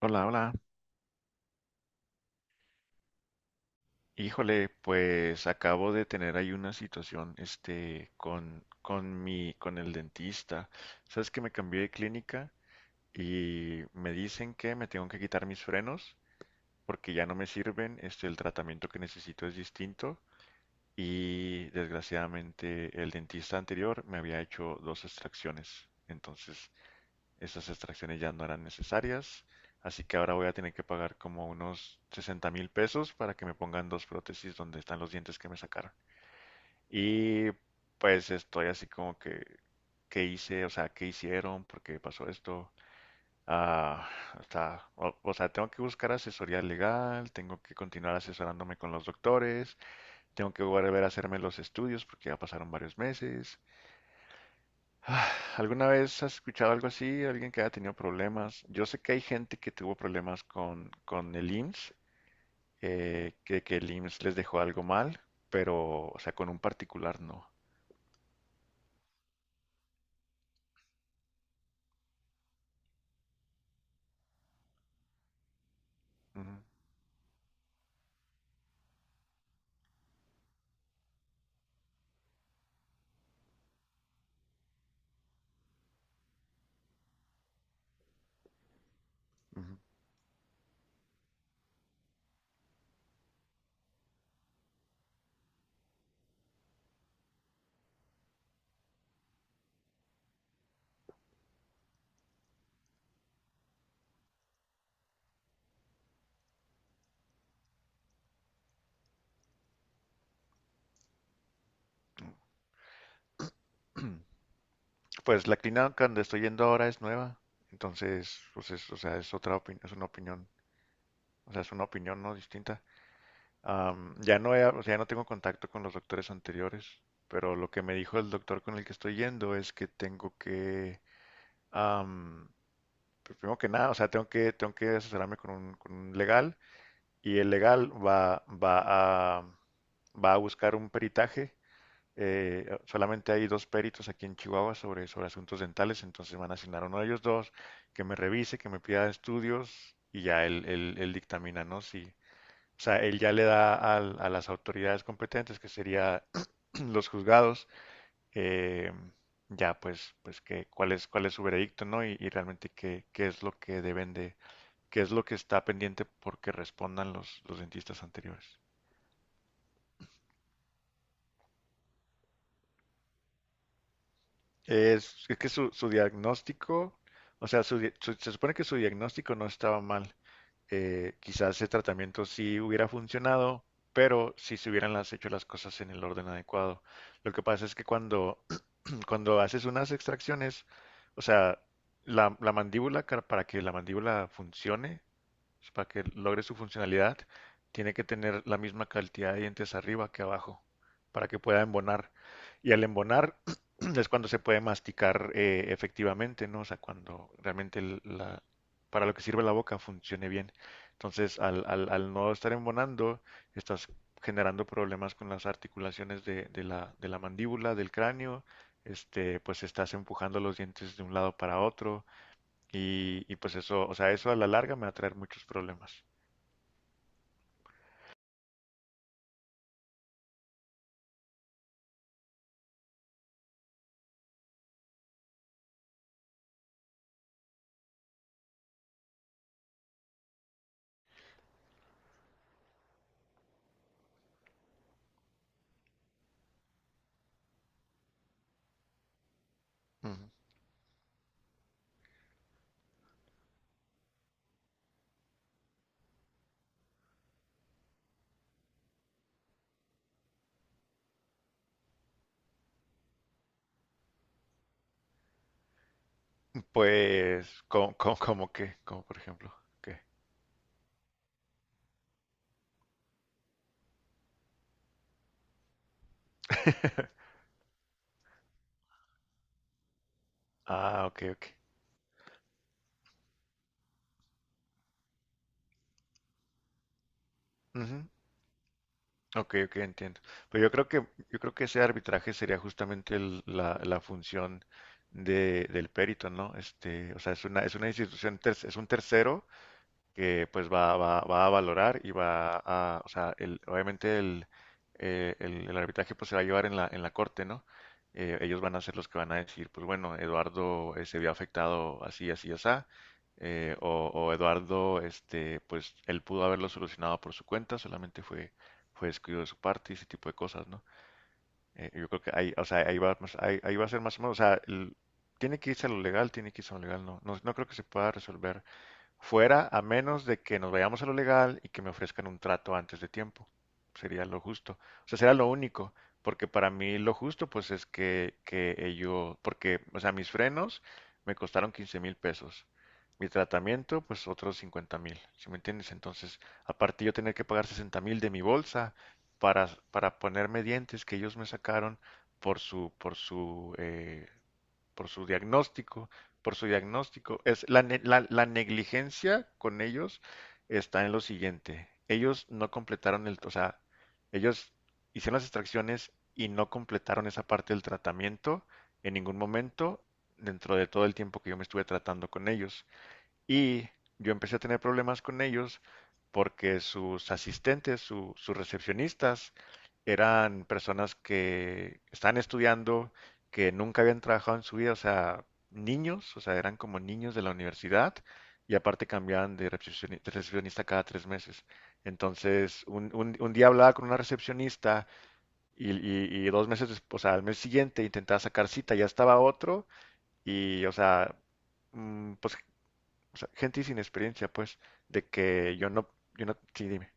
Hola, hola. Híjole, pues acabo de tener ahí una situación, con el dentista. Sabes que me cambié de clínica y me dicen que me tengo que quitar mis frenos porque ya no me sirven, este, el tratamiento que necesito es distinto y desgraciadamente el dentista anterior me había hecho 2 extracciones. Entonces, Estas extracciones ya no eran necesarias, así que ahora voy a tener que pagar como unos 60 mil pesos para que me pongan 2 prótesis donde están los dientes que me sacaron. Y pues estoy así como que, ¿qué hice? O sea, ¿qué hicieron? ¿Por qué pasó esto? Ah, o sea, tengo que buscar asesoría legal, tengo que continuar asesorándome con los doctores, tengo que volver a hacerme los estudios porque ya pasaron varios meses. Ah, ¿Alguna vez has escuchado algo así? ¿Alguien que haya tenido problemas? Yo sé que hay gente que tuvo problemas con el IMSS, que el IMSS les dejó algo mal, pero, o sea, con un particular no. Ujú, ujú. Pues la clínica donde estoy yendo ahora es nueva, entonces, pues es, o sea, es otra opinión, es una opinión, o sea, es una opinión no distinta. Ya no he- o sea, ya no tengo contacto con los doctores anteriores, pero lo que me dijo el doctor con el que estoy yendo es que tengo que, pues primero que nada, o sea, tengo que asesorarme con un legal y el legal va a buscar un peritaje. Solamente hay 2 peritos aquí en Chihuahua sobre asuntos dentales, entonces van a asignar a uno de ellos dos que me revise, que me pida estudios y ya él dictamina, ¿no? Si, o sea, él ya le da a las autoridades competentes, que sería los juzgados, eh, ya pues, pues que, cuál es su veredicto, ¿no? Y realmente qué, qué es lo que deben de, que es lo que está pendiente porque respondan los dentistas anteriores. Es que su diagnóstico, o sea, se supone que su diagnóstico no estaba mal. Quizás ese tratamiento sí hubiera funcionado, pero si se hubieran hecho las cosas en el orden adecuado. Lo que pasa es que cuando, cuando haces unas extracciones, o sea, la mandíbula, para que la mandíbula funcione, para que logre su funcionalidad, tiene que tener la misma cantidad de dientes arriba que abajo, para que pueda embonar. Y al embonar es cuando se puede masticar efectivamente, ¿no? O sea, cuando realmente para lo que sirve la boca funcione bien. Entonces, al no estar embonando, estás generando problemas con las articulaciones de la mandíbula, del cráneo, este, pues estás empujando los dientes de un lado para otro y pues eso, o sea, eso a la larga me va a traer muchos problemas. Ujú. Pues, ¿cómo qué? Como por ejemplo, ¿qué? Ah, ok, ok. Ujú. Ok, ok, entiendo. Pero yo creo que ese arbitraje sería justamente la función del perito, ¿no? Este, o sea, es una institución, es un tercero que pues va a valorar y va a, o sea, obviamente el, el arbitraje pues se va a llevar en la corte, ¿no? Ellos van a ser los que van a decir, pues bueno, Eduardo se vio afectado así, o Eduardo, este, pues él pudo haberlo solucionado por su cuenta, fue descuido de su parte y ese tipo de cosas, ¿no? Yo creo que ahí, o sea, ahí va a ser más o menos, o sea, tiene que irse a lo legal, tiene que irse a lo legal, no creo que se pueda resolver fuera a menos de que nos vayamos a lo legal y que me ofrezcan un trato antes de tiempo. Sería lo justo. O sea, sería lo único, porque para mí lo justo pues es que ello, porque, o sea, mis frenos me costaron 15 mil pesos. Mi tratamiento, pues otros 50 mil, ¿sí me entiendes? Entonces, aparte yo tener que pagar 60 mil de mi bolsa para ponerme dientes que ellos me sacaron por su, por su eh, por su diagnóstico, por su diagnóstico. Es la negligencia con ellos está en lo siguiente. Ellos no completaron el, o sea, ellos hicieron las extracciones y no completaron esa parte del tratamiento en ningún momento dentro de todo el tiempo que yo me estuve tratando con ellos. Y yo empecé a tener problemas con ellos porque sus asistentes, sus recepcionistas, eran personas que estaban estudiando, que nunca habían trabajado en su vida, o sea, niños, o sea, eran como niños de la universidad y aparte cambiaban de recepcionista cada 3 meses. Entonces, un día hablaba con una recepcionista y 2 meses después, o sea, al mes siguiente intentaba sacar cita, ya estaba otro y, o sea, pues o sea, gente sin experiencia, pues, de que yo no, yo no, sí, dime.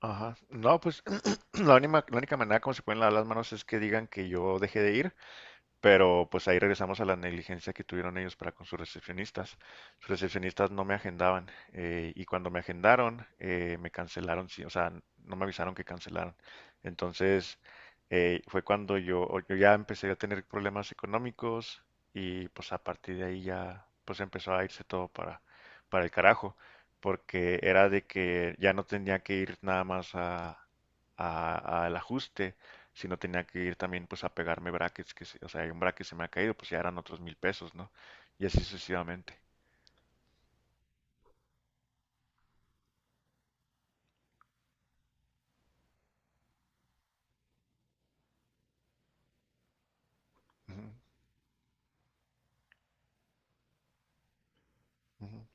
Ajá. No, pues, la única manera como se pueden lavar las manos es que digan que yo dejé de ir. Pero pues ahí regresamos a la negligencia que tuvieron ellos para con sus recepcionistas. Sus recepcionistas no me agendaban y cuando me agendaron me cancelaron, sí, o sea, no me avisaron que cancelaron. Entonces fue cuando yo ya empecé a tener problemas económicos y pues a partir de ahí ya pues empezó a irse todo para el carajo, porque era de que ya no tenía que ir nada más a, al ajuste, si no tenía que ir también pues a pegarme brackets, que, o sea, hay un bracket se me ha caído, pues ya eran otros 1000 pesos, ¿no? Y así sucesivamente. Ujú, ujú.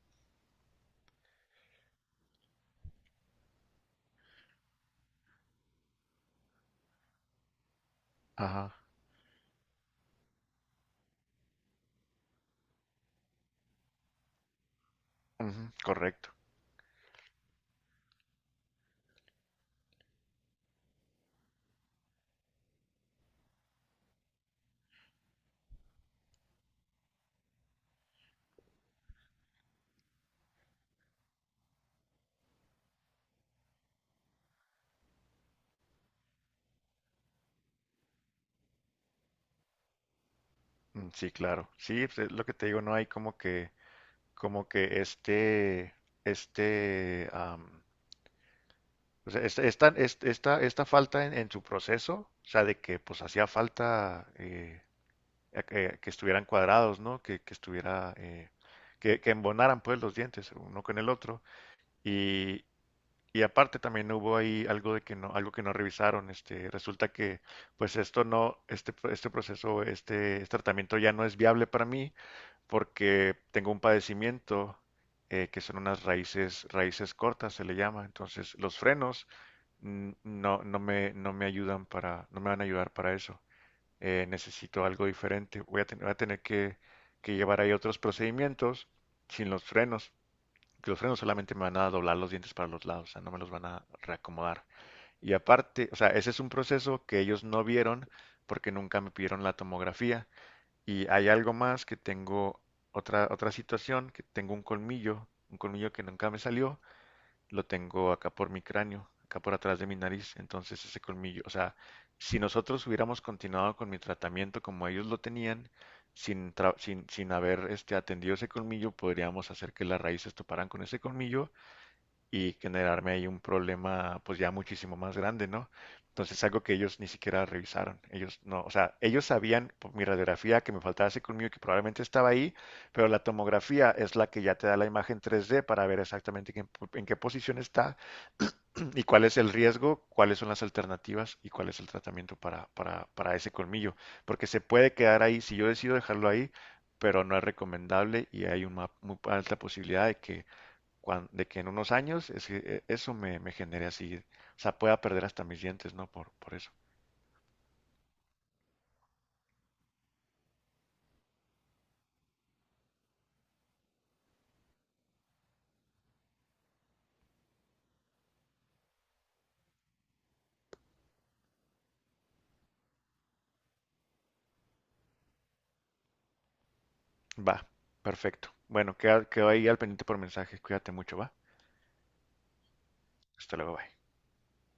Ajá, ujú, correcto. Sí, claro. Sí, pues, es lo que te digo, no hay como que este, o sea, esta, esta falta en su proceso, o sea, de que pues hacía falta que estuvieran cuadrados, ¿no? Que estuviera, que embonaran pues los dientes uno con el otro. Y, y aparte también hubo ahí algo de que no, algo que no revisaron. Este, resulta que, pues esto no, este proceso, este tratamiento ya no es viable para mí porque tengo un padecimiento que son unas raíces, raíces cortas, se le llama. Entonces, los frenos mm, no me ayudan para, no me van a ayudar para eso. Necesito algo diferente. Voy a tener que llevar ahí otros procedimientos sin los frenos que los frenos solamente me van a doblar los dientes para los lados, o sea, no me los van a reacomodar. Y aparte, o sea, ese es un proceso que ellos no vieron porque nunca me pidieron la tomografía. Y hay algo más que tengo, otra situación, que tengo un colmillo que nunca me salió, lo tengo acá por mi cráneo, acá por atrás de mi nariz. Entonces ese colmillo, o sea, si nosotros hubiéramos continuado con mi tratamiento como ellos lo tenían, sin haber este, atendido ese colmillo, podríamos hacer que las raíces toparan con ese colmillo y generarme ahí un problema pues ya muchísimo más grande, ¿no? Entonces algo que ellos ni siquiera revisaron. Ellos no, o sea, ellos sabían por mi radiografía que me faltaba colmillo que probablemente estaba ahí, pero la tomografía es la que ya te da la imagen 3D para ver exactamente en qué posición está y cuál es el riesgo, cuáles son las alternativas y cuál es el tratamiento para ese colmillo. Porque se puede quedar ahí, si yo decido dejarlo ahí, pero no es recomendable y hay una muy alta posibilidad de que de que en unos años es que, eso me, me genere así, o sea, pueda perder hasta mis dientes, ¿no? Por eso. Va, perfecto. Bueno, quedo ahí al pendiente por mensaje. Cuídate mucho, va. Hasta luego, bye.